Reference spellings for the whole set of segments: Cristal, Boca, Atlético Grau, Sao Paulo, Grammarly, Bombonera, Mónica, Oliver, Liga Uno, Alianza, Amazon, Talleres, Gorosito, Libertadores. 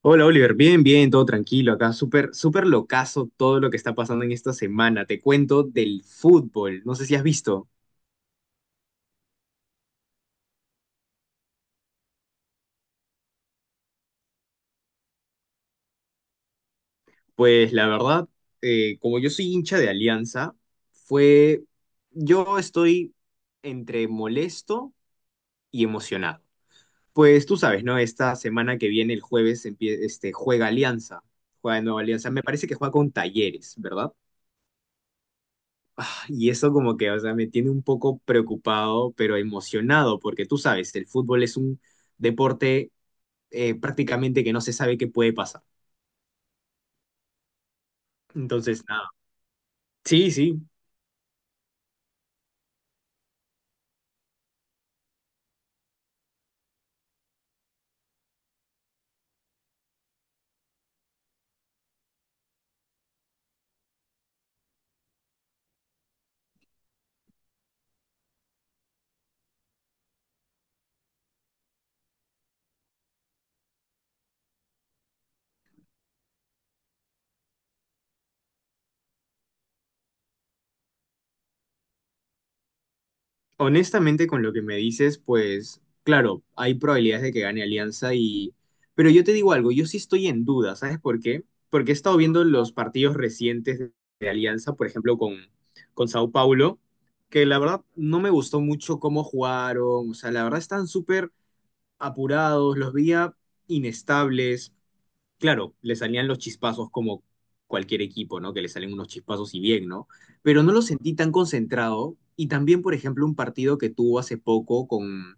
Hola Oliver, bien, bien, todo tranquilo acá, súper, súper locazo todo lo que está pasando en esta semana. Te cuento del fútbol, no sé si has visto. Pues la verdad, como yo soy hincha de Alianza, fue, yo estoy entre molesto y emocionado. Pues tú sabes, ¿no? Esta semana que viene, el jueves, juega Alianza, juega de nuevo Alianza, me parece que juega con Talleres, ¿verdad? Y eso como que, o sea, me tiene un poco preocupado, pero emocionado, porque tú sabes, el fútbol es un deporte prácticamente que no se sabe qué puede pasar. Entonces, nada. Sí, sí. Honestamente, con lo que me dices, pues, claro, hay probabilidades de que gane Alianza y... Pero yo te digo algo, yo sí estoy en duda, ¿sabes por qué? Porque he estado viendo los partidos recientes de Alianza, por ejemplo, con Sao Paulo, que la verdad no me gustó mucho cómo jugaron, o sea, la verdad están súper apurados, los veía inestables. Claro, le salían los chispazos como cualquier equipo, ¿no? Que le salen unos chispazos y bien, ¿no? Pero no lo sentí tan concentrado. Y también, por ejemplo, un partido que tuvo hace poco con,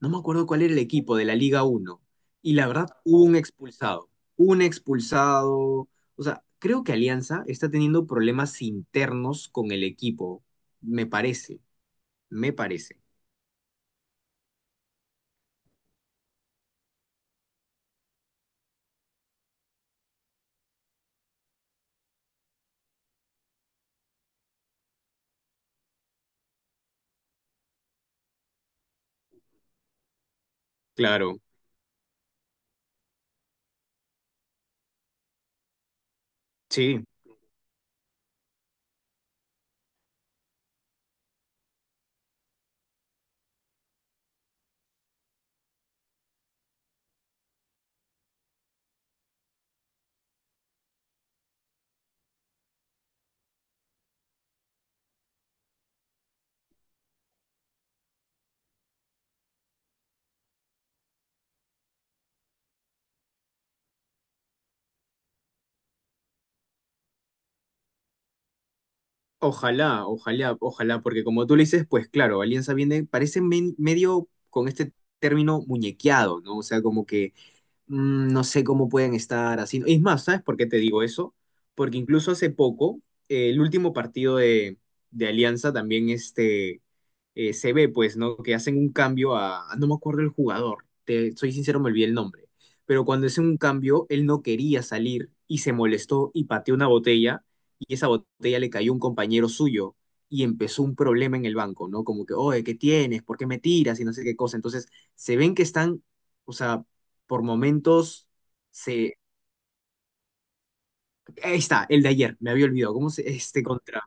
no me acuerdo cuál era el equipo de la Liga Uno. Y la verdad, hubo un expulsado. Un expulsado. O sea, creo que Alianza está teniendo problemas internos con el equipo. Me parece, me parece. Claro, sí. Ojalá, ojalá, ojalá, porque como tú le dices, pues claro, Alianza viene, parece medio con este término muñequeado, ¿no? O sea, como que no sé cómo pueden estar así. Es más, ¿sabes por qué te digo eso? Porque incluso hace poco, el último partido de Alianza también se ve, pues, ¿no? Que hacen un cambio a, no me acuerdo el jugador, te, soy sincero, me olvidé el nombre, pero cuando hacen un cambio, él no quería salir y se molestó y pateó una botella y esa botella le cayó a un compañero suyo y empezó un problema en el banco, ¿no? Como que, oye, ¿qué tienes? ¿Por qué me tiras? Y no sé qué cosa. Entonces, se ven que están, o sea, por momentos se... Ahí está, el de ayer, me había olvidado. ¿Cómo se... Este contra...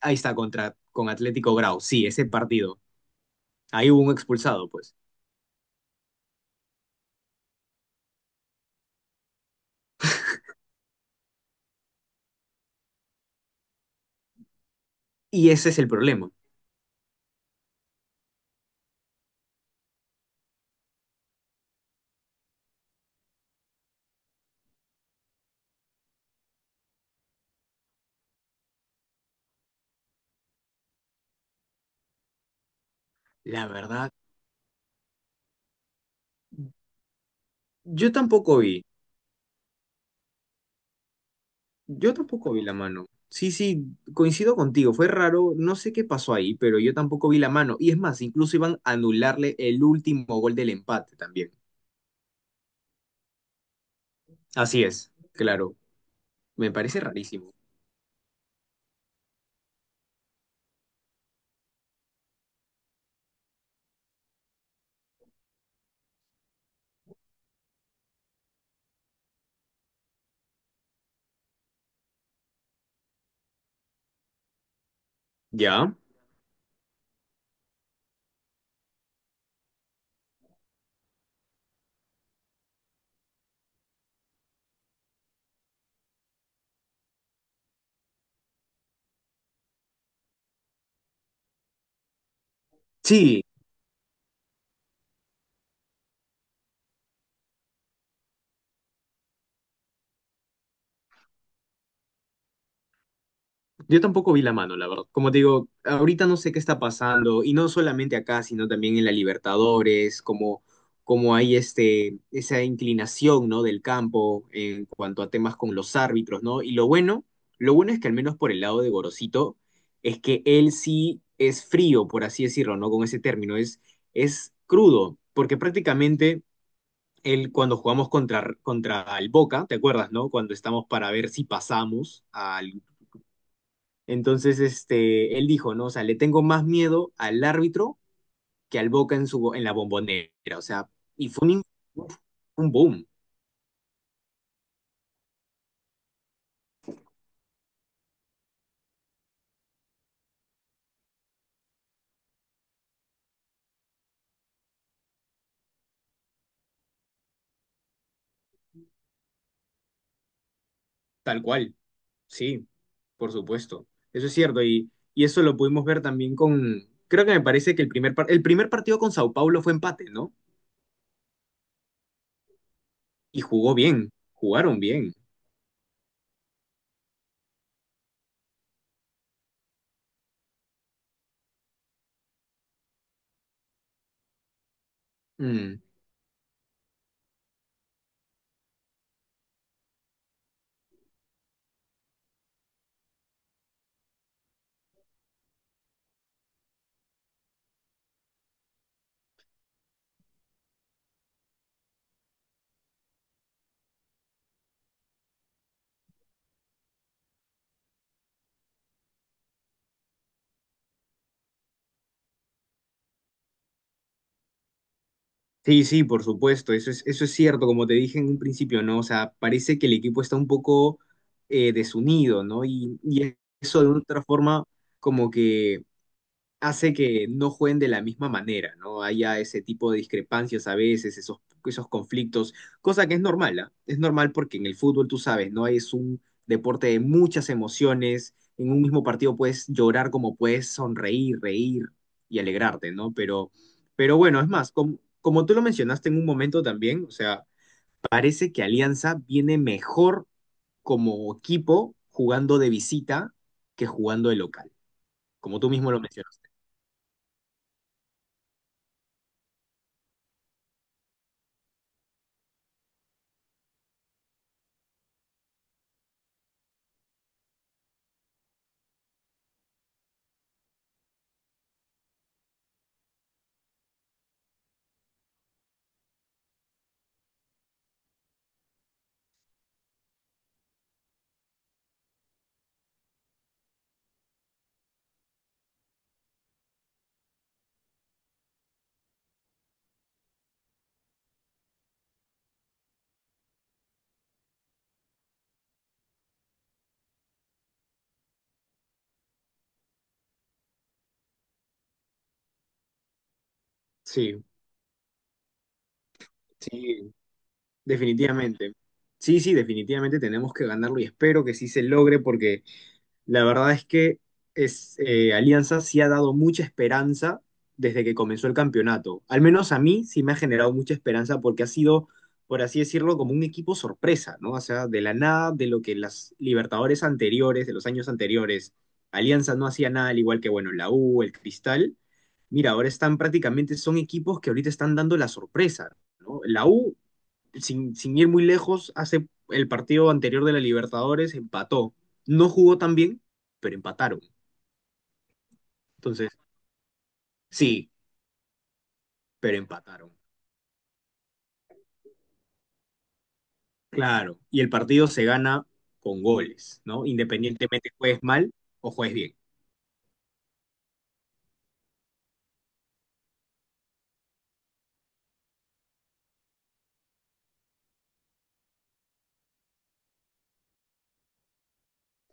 Ahí está, contra... con Atlético Grau. Sí, ese partido. Ahí hubo un expulsado, pues. Y ese es el problema. La verdad, yo tampoco vi. Yo tampoco vi la mano. Sí, sí, coincido contigo. Fue raro. No sé qué pasó ahí, pero yo tampoco vi la mano. Y es más, incluso iban a anularle el último gol del empate también. Así es, claro. Me parece rarísimo. ¿Ya? Sí, yo tampoco vi la mano, la verdad. Como te digo, ahorita no sé qué está pasando, y no solamente acá, sino también en la Libertadores, como, como hay este, esa inclinación, ¿no? del campo en cuanto a temas con los árbitros, ¿no? Y lo bueno es que al menos por el lado de Gorosito, es que él sí es frío, por así decirlo, ¿no? Con ese término, es crudo, porque prácticamente él cuando jugamos contra, contra el Boca, ¿te acuerdas, no? Cuando estamos para ver si pasamos al entonces, él dijo, ¿no? O sea, le tengo más miedo al árbitro que al Boca en su, en la Bombonera. O sea, y fue un, uf, un boom, tal cual. Sí, por supuesto. Eso es cierto. Y eso lo pudimos ver también con, creo que me parece que el primer, el primer partido con Sao Paulo fue empate, ¿no? Y jugó bien, jugaron bien. Mm. Sí, sí, por supuesto, eso es cierto, como te dije en un principio, ¿no? O sea, parece que el equipo está un poco desunido, ¿no? Y eso de otra forma como que hace que no jueguen de la misma manera, ¿no? Haya ese tipo de discrepancias a veces, esos, esos conflictos, cosa que es normal, ¿ah? Es normal porque en el fútbol, tú sabes, ¿no? Es un deporte de muchas emociones, en un mismo partido puedes llorar como puedes sonreír, reír y alegrarte, ¿no? Pero bueno, es más, como tú lo mencionaste en un momento también, o sea, parece que Alianza viene mejor como equipo jugando de visita que jugando de local, como tú mismo lo mencionaste. Sí. Sí, definitivamente. Sí, sí, definitivamente tenemos que ganarlo y espero que sí se logre porque la verdad es que es, Alianza sí ha dado mucha esperanza desde que comenzó el campeonato. Al menos a mí sí me ha generado mucha esperanza porque ha sido, por así decirlo, como un equipo sorpresa, ¿no? O sea, de la nada, de lo que las Libertadores anteriores, de los años anteriores, Alianza no hacía nada, al igual que, bueno, la U, el Cristal. Mira, ahora están prácticamente, son equipos que ahorita están dando la sorpresa, ¿no? La U sin, sin ir muy lejos, hace el partido anterior de la Libertadores empató. No jugó tan bien, pero empataron. Entonces, sí, pero empataron. Claro. Y el partido se gana con goles, ¿no? Independientemente juegues mal o juegues bien.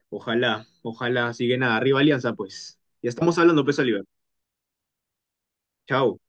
Ojalá, ojalá siguen nada. Arriba Alianza, pues. Ya estamos hablando, pues Oliver. Chao.